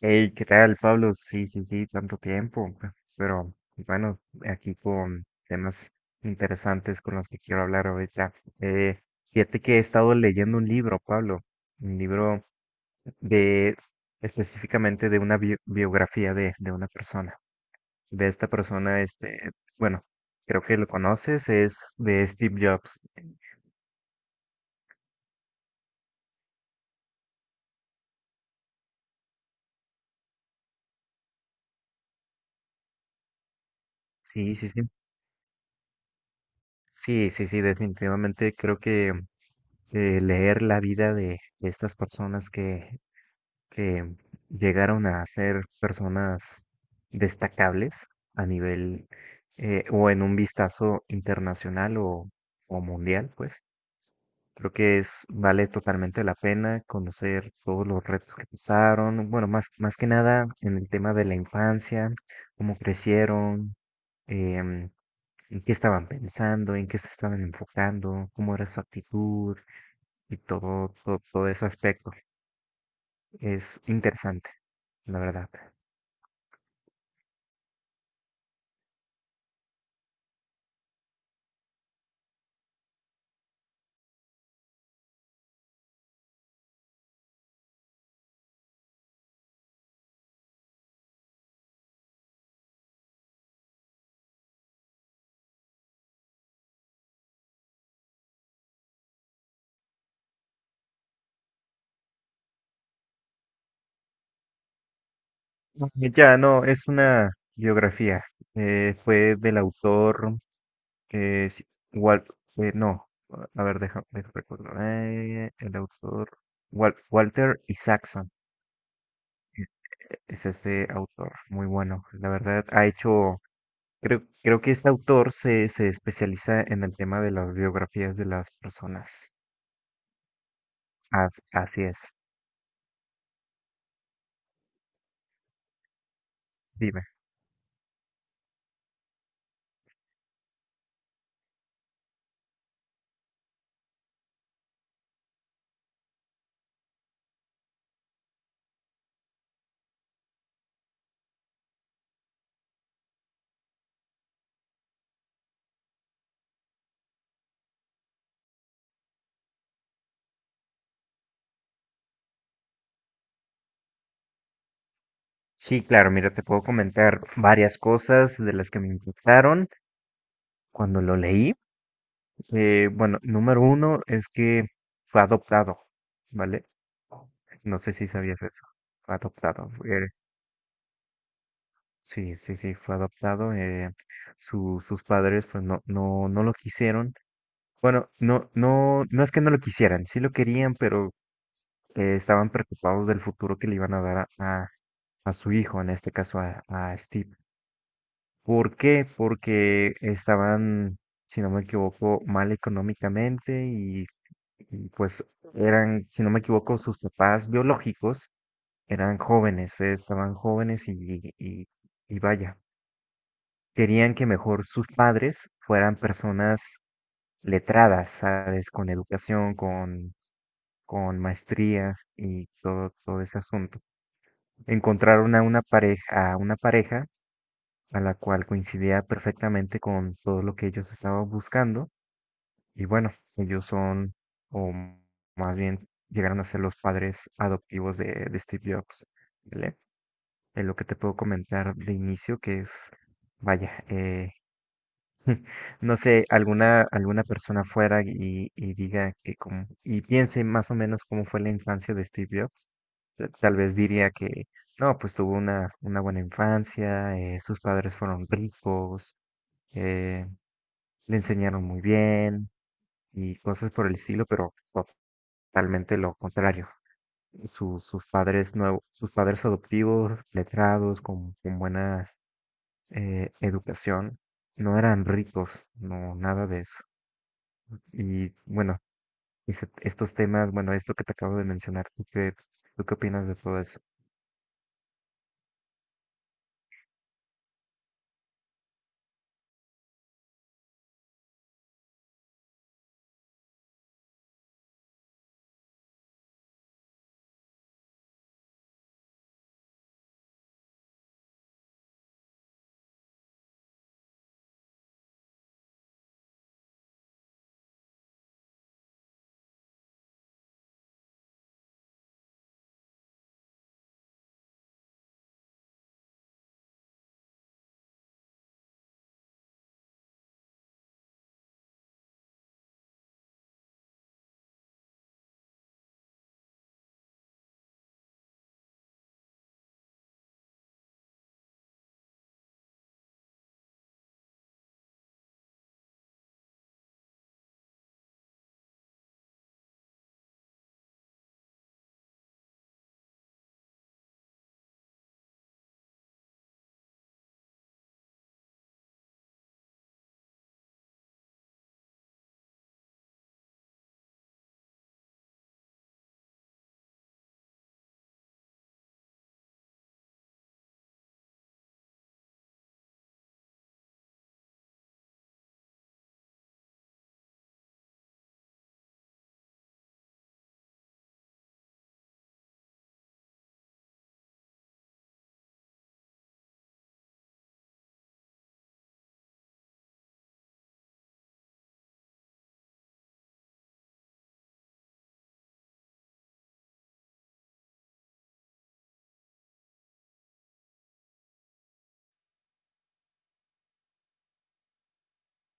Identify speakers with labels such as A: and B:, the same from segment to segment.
A: Hey, ¿qué tal, Pablo? Sí, sí, sí, tanto tiempo. Pero bueno, aquí con temas interesantes con los que quiero hablar ahorita. Eh, Fíjate que he estado leyendo un libro, Pablo, un libro de específicamente de una biografía de una persona. De esta persona, este, bueno, creo que lo conoces, es de Steve Jobs. Sí, sí, sí. Sí, sí, sí, definitivamente creo que leer la vida de estas personas que llegaron a ser personas destacables a nivel o en un vistazo internacional o mundial, pues. Creo que es, vale totalmente la pena conocer todos los retos que pasaron, bueno, más que nada en el tema de la infancia, cómo crecieron, em, en qué estaban pensando, en qué se estaban enfocando, cómo era su actitud y todo ese aspecto. Es interesante, la verdad. Ya, no, es una biografía. Fue del autor que es Wal- no, a ver, déjame recordar. El autor Walter Isaacson es este autor, muy bueno. La verdad, ha hecho, creo que este autor se especializa en el tema de las biografías de las personas. Así es. Dime. Sí, claro, mira, te puedo comentar varias cosas de las que me impactaron cuando lo leí. Bueno, número uno es que fue adoptado, ¿vale? No sé si sabías eso. Fue adoptado. Sí, sí, sí, fue adoptado. Sus padres pues no, no lo quisieron. Bueno, no, no, no es que no lo quisieran, sí lo querían, pero estaban preocupados del futuro que le iban a dar a- a su hijo, en este caso a Steve. ¿Por qué? Porque estaban, si no me equivoco, mal económicamente pues eran, si no me equivoco, sus papás biológicos eran jóvenes, estaban jóvenes y vaya, querían que mejor sus padres fueran personas letradas, ¿sabes? Con educación, con maestría y todo ese asunto. Encontraron a una pareja, a una pareja a la cual coincidía perfectamente con todo lo que ellos estaban buscando. Y bueno, ellos son, o m- más bien llegaron a ser los padres adoptivos de Steve Jobs, ¿vale? Es lo que te puedo comentar de inicio, que es, vaya, no sé, alguna persona fuera y diga que como, y piense más o menos cómo fue la infancia de Steve Jobs, tal vez diría que, no, pues tuvo una buena infancia, sus padres fueron ricos, eh, le enseñaron muy bien y cosas por el estilo, pero totalmente lo contrario. Sus padres nuevos, sus padres adoptivos, letrados, con buena educación, no eran ricos, no, nada de eso. Y bueno, estos temas, bueno, esto que te acabo de mencionar, ¿tú qué opinas de todo eso?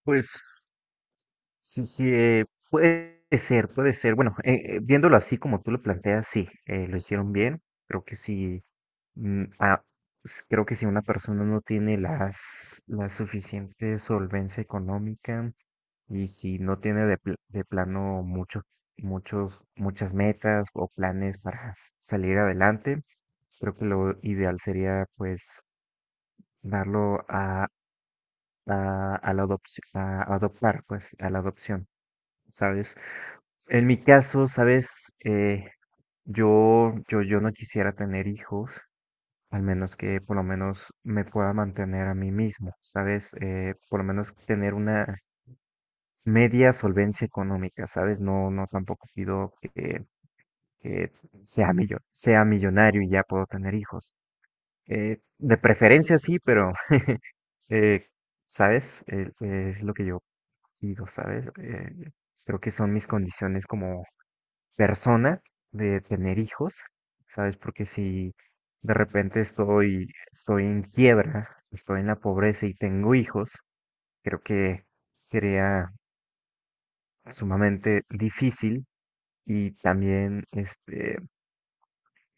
A: Pues sí, sí, puede ser, puede ser. Bueno, viéndolo así como tú lo planteas, sí, lo hicieron bien. Creo que sí. Mm, ah, pues creo que si una persona no tiene las, la suficiente solvencia económica y si no tiene de, de plano muchas metas o planes para salir adelante, creo que lo ideal sería pues darlo a la adopción, a adoptar, pues a la adopción, ¿sabes? En mi caso, ¿sabes? Yo no quisiera tener hijos al menos que por lo menos me pueda mantener a mí mismo, ¿sabes? Por lo menos tener una media solvencia económica, ¿sabes? No, no tampoco pido que sea millonario y ya puedo tener hijos. De preferencia sí, pero, eh, ¿sabes? Es lo que yo pido, ¿sabes? Creo que son mis condiciones como persona de tener hijos, ¿sabes? Porque si de repente estoy en quiebra, estoy en la pobreza y tengo hijos, creo que sería sumamente difícil y también este,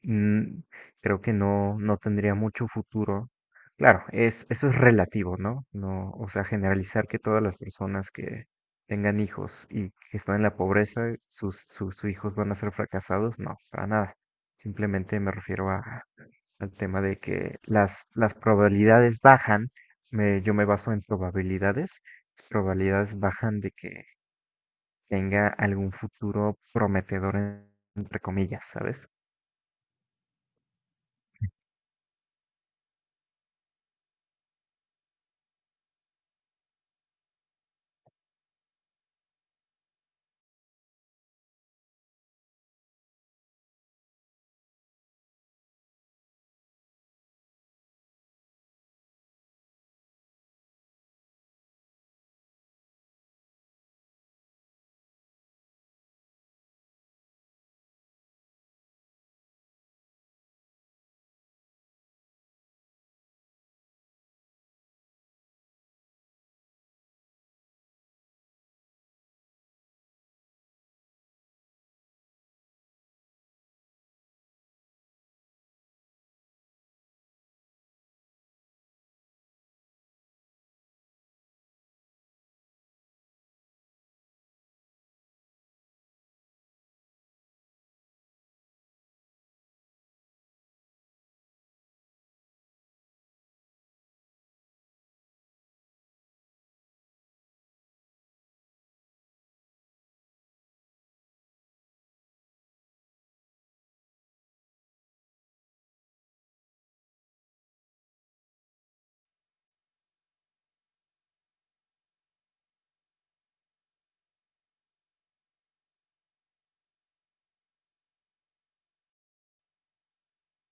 A: mm, creo que no, no tendría mucho futuro. Claro, es, eso es relativo, ¿no? No, o sea, generalizar que todas las personas que tengan hijos y que están en la pobreza, sus hijos van a ser fracasados, no, para nada. Simplemente me refiero al tema de que las probabilidades bajan, me, yo me baso en probabilidades, las probabilidades bajan de que tenga algún futuro prometedor, entre comillas, ¿sabes?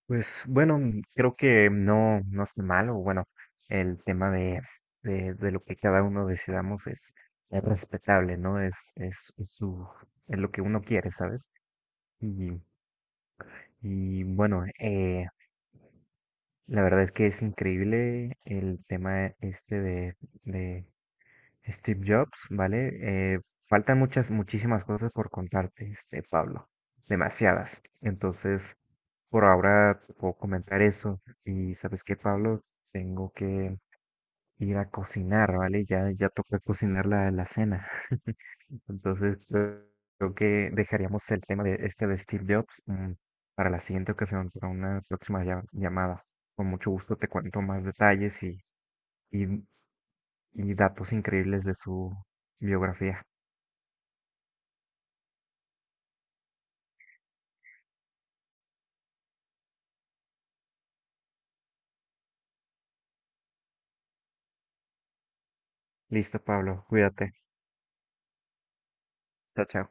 A: Pues bueno, creo que no, no es malo. Bueno, el tema de lo que cada uno decidamos es respetable, ¿no? Es su, es lo que uno quiere, ¿sabes? Y, y bueno, la verdad es que es increíble el tema este de Steve Jobs, ¿vale? Faltan muchísimas cosas por contarte, este, Pablo. Demasiadas. Entonces, por ahora te puedo comentar eso. Y sabes qué, Pablo, tengo que ir a cocinar, ¿vale? Ya toca cocinar la cena. Entonces, creo que dejaríamos el tema de este de Steve Jobs, para la siguiente ocasión, para una próxima llamada. Con mucho gusto te cuento más detalles y, y datos increíbles de su biografía. Listo, Pablo, cuídate. Chao, chao.